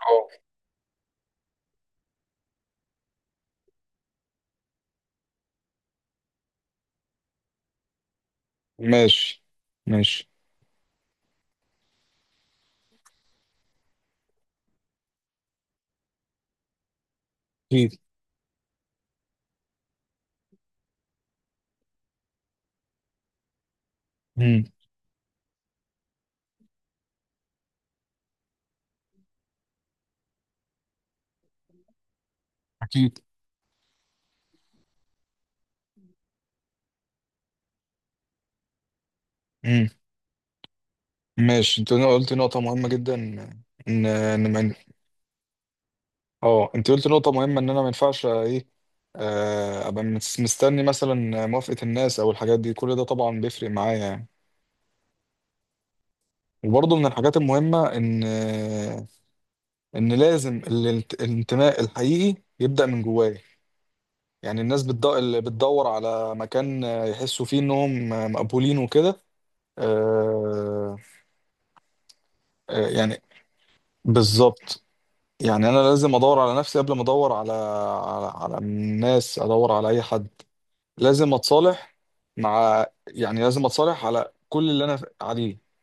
اه، ماشي. ماشي. اكيد. امم اكيد. امم ماشي. انت قلت نقطة مهمة جدا ان ان اه، انت قلت نقطة مهمة ان انا ما ينفعش ايه، ابقى مستني مثلا موافقة الناس او الحاجات دي، كل ده طبعا بيفرق معايا يعني. وبرضه من الحاجات المهمة ان الانتماء الحقيقي يبدأ من جوايا. يعني الناس بتدور اللي بتدور على مكان يحسوا فيه انهم مقبولين وكده. آه، يعني بالظبط. يعني انا لازم ادور على نفسي قبل ما ادور على على الناس، ادور على اي حد. لازم اتصالح مع، يعني لازم اتصالح على كل اللي انا عليه.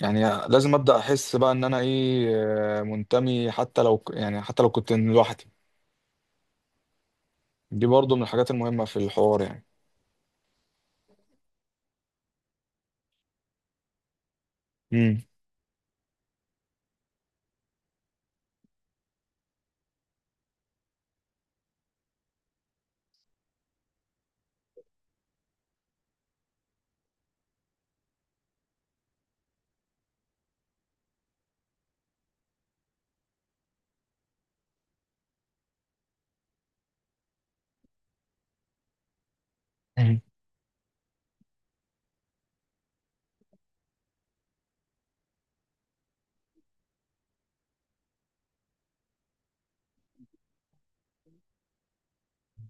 يعني لازم ابدا احس بقى ان انا ايه، منتمي حتى لو يعني حتى لو كنت لوحدي. دي برضو من الحاجات المهمة في الحوار يعني. امم مم.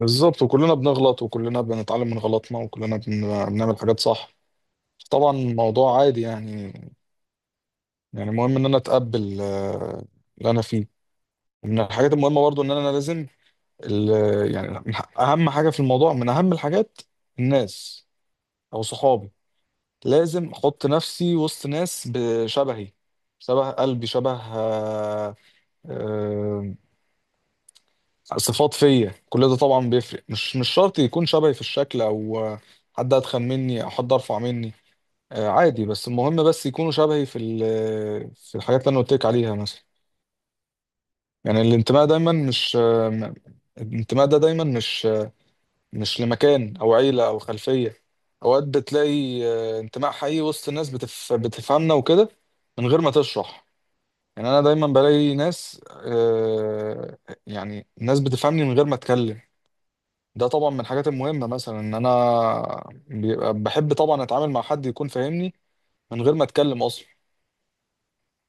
بالظبط. وكلنا بنغلط، وكلنا بنتعلم من غلطنا، وكلنا بنعمل حاجات صح. طبعا الموضوع عادي يعني. يعني المهم ان انا اتقبل، اللي انا فيه. من الحاجات المهمة برضو ان انا لازم، يعني من اهم حاجة في الموضوع، من اهم الحاجات الناس او صحابي. لازم احط نفسي وسط ناس بشبهي، شبه قلبي، شبه آه، آه، صفات فيا. كل ده طبعا بيفرق. مش شرط يكون شبهي في الشكل، او حد اتخن مني او حد ارفع مني، عادي. بس المهم بس يكونوا شبهي في في الحاجات اللي انا قلت لك عليها مثلا. يعني الانتماء دايما مش الانتماء ده دايما مش مش لمكان او عيله او خلفيه. اوقات بتلاقي انتماء حقيقي وسط الناس بتفهمنا وكده، من غير ما تشرح. يعني انا دايما بلاقي ناس، يعني ناس بتفهمني من غير ما اتكلم. ده طبعا من الحاجات المهمه. مثلا ان انا بيبقى بحب طبعا اتعامل مع حد يكون فاهمني من غير ما اتكلم اصلا.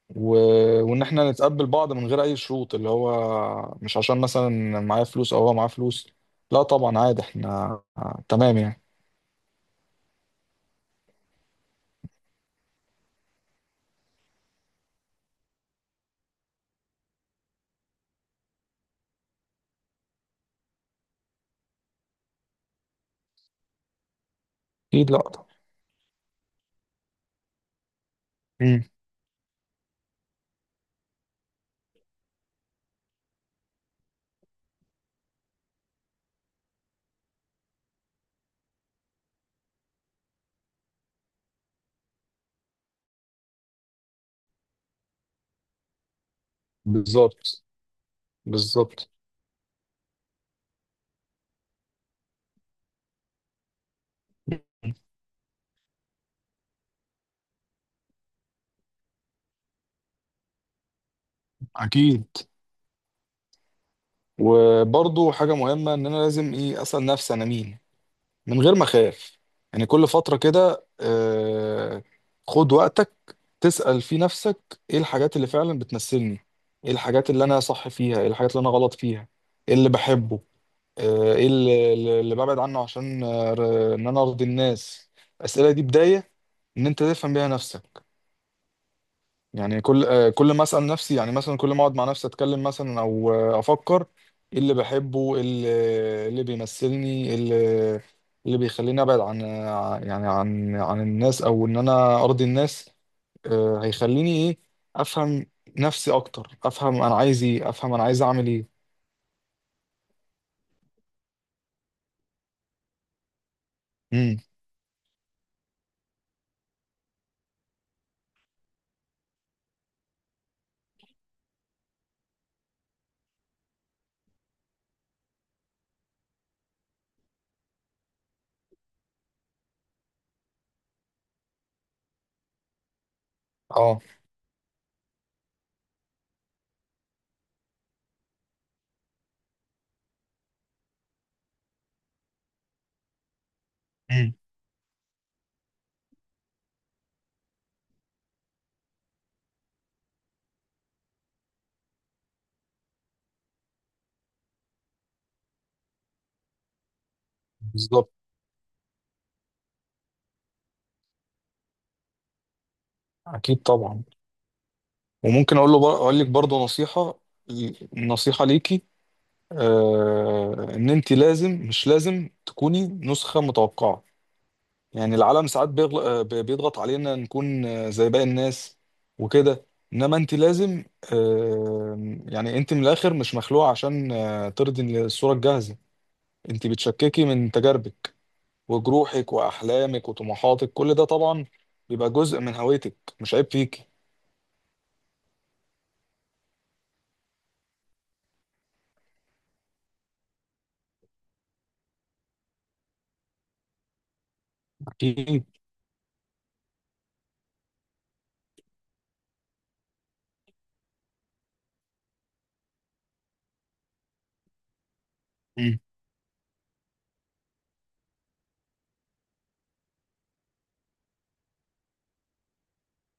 و... وان احنا نتقبل بعض من غير اي شروط، اللي هو مش عشان مثلا معايا فلوس او هو معاه فلوس، لا طبعا عادي، احنا تمام يعني. اكيد، لا طبعا. بالظبط. بالظبط. اكيد. وبرضو حاجه مهمه ان انا لازم ايه، اسال نفسي انا مين، من غير ما اخاف. يعني كل فتره كده خد وقتك تسال في نفسك ايه الحاجات اللي فعلا بتمثلني، ايه الحاجات اللي انا صح فيها، ايه الحاجات اللي انا غلط فيها، ايه اللي بحبه، ايه اللي ببعد عنه عشان، ان انا ارضي الناس. الاسئله دي بدايه ان انت تفهم بيها نفسك. يعني كل كل ما اسال نفسي، يعني مثلا كل ما اقعد مع نفسي اتكلم مثلا، او افكر ايه اللي بحبه، ايه اللي، إيه اللي بيمثلني، إيه اللي، إيه اللي بيخليني ابعد عن يعني عن الناس، او ان انا ارضي الناس، هيخليني ايه، افهم نفسي اكتر، افهم انا عايز ايه، افهم انا عايز اعمل ايه. امم اه. امم بالظبط. اكيد طبعا. وممكن اقول لك برضه نصيحه، نصيحه ليكي. آه ان انت مش لازم تكوني نسخة متوقعة. يعني العالم ساعات بيضغط علينا نكون، زي باقي الناس وكده. انما انت لازم، آه يعني انت من الاخر مش مخلوقة عشان، ترضي الصورة الجاهزة. انت بتشككي من تجاربك وجروحك واحلامك وطموحاتك. كل ده طبعا بيبقى جزء من هويتك، مش عيب فيكي. أكيد.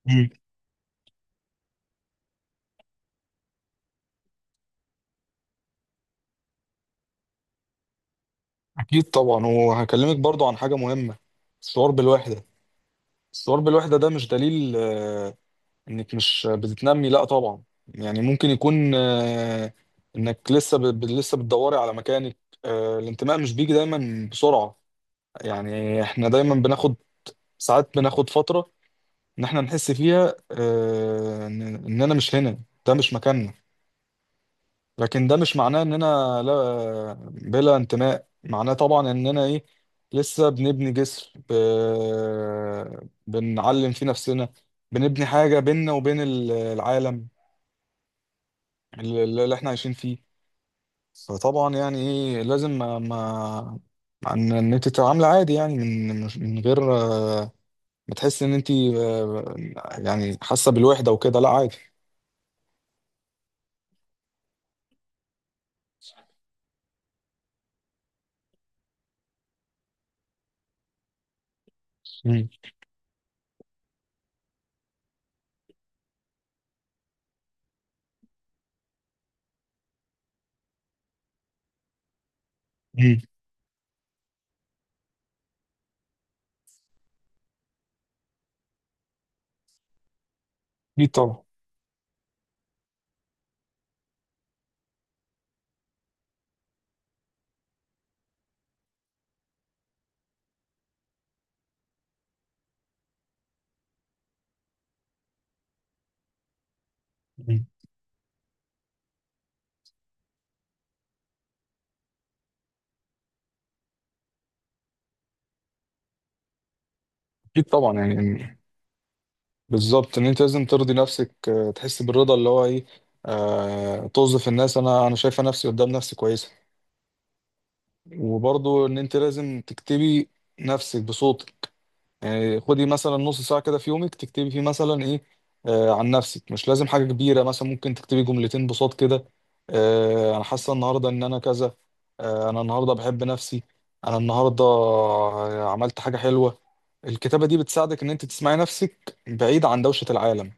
أكيد. أكيد طبعا. وهكلمك برضو عن حاجة مهمة: الشعور بالوحدة. الشعور بالوحدة ده مش دليل إنك مش بتتنمي، لأ طبعا. يعني ممكن يكون إنك لسه لسه بتدوري على مكانك. الانتماء مش بيجي دايما بسرعة. يعني إحنا دايما بناخد، ساعات بناخد فترة إن إحنا نحس فيها إن إننا مش هنا، ده مش مكاننا. لكن ده مش معناه اننا لا بلا انتماء. معناه طبعا اننا ايه، لسه بنبني جسر بنعلم فيه نفسنا، بنبني حاجة بيننا وبين العالم اللي احنا عايشين فيه. فطبعا يعني ايه لازم ما ما ان إن انت تتعامل عادي، يعني من غير ما تحس ان انت يعني حاسه بالوحده وكده، لا عادي. مم. مم. اكيد طبعا. مم. اكيد طبعا. يعني بالظبط، ان انت لازم ترضي نفسك تحس بالرضا اللي هو ايه، آه توظف الناس، انا شايفه نفسي قدام نفسي كويسه. وبرضو ان انت لازم تكتبي نفسك بصوتك. يعني خدي مثلا نص ساعه كده في يومك تكتبي فيه مثلا ايه، آه عن نفسك. مش لازم حاجه كبيره، مثلا ممكن تكتبي جملتين بصوت كده: آه انا حاسه النهارده ان انا كذا، آه انا النهارده بحب نفسي، انا النهارده عملت حاجه حلوه. الكتابه دي بتساعدك ان انت تسمعي نفسك بعيد عن دوشه العالم.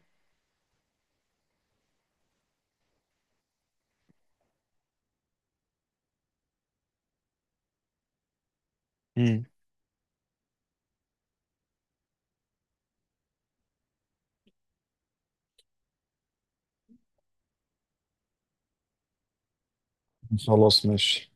خلاص ماشي.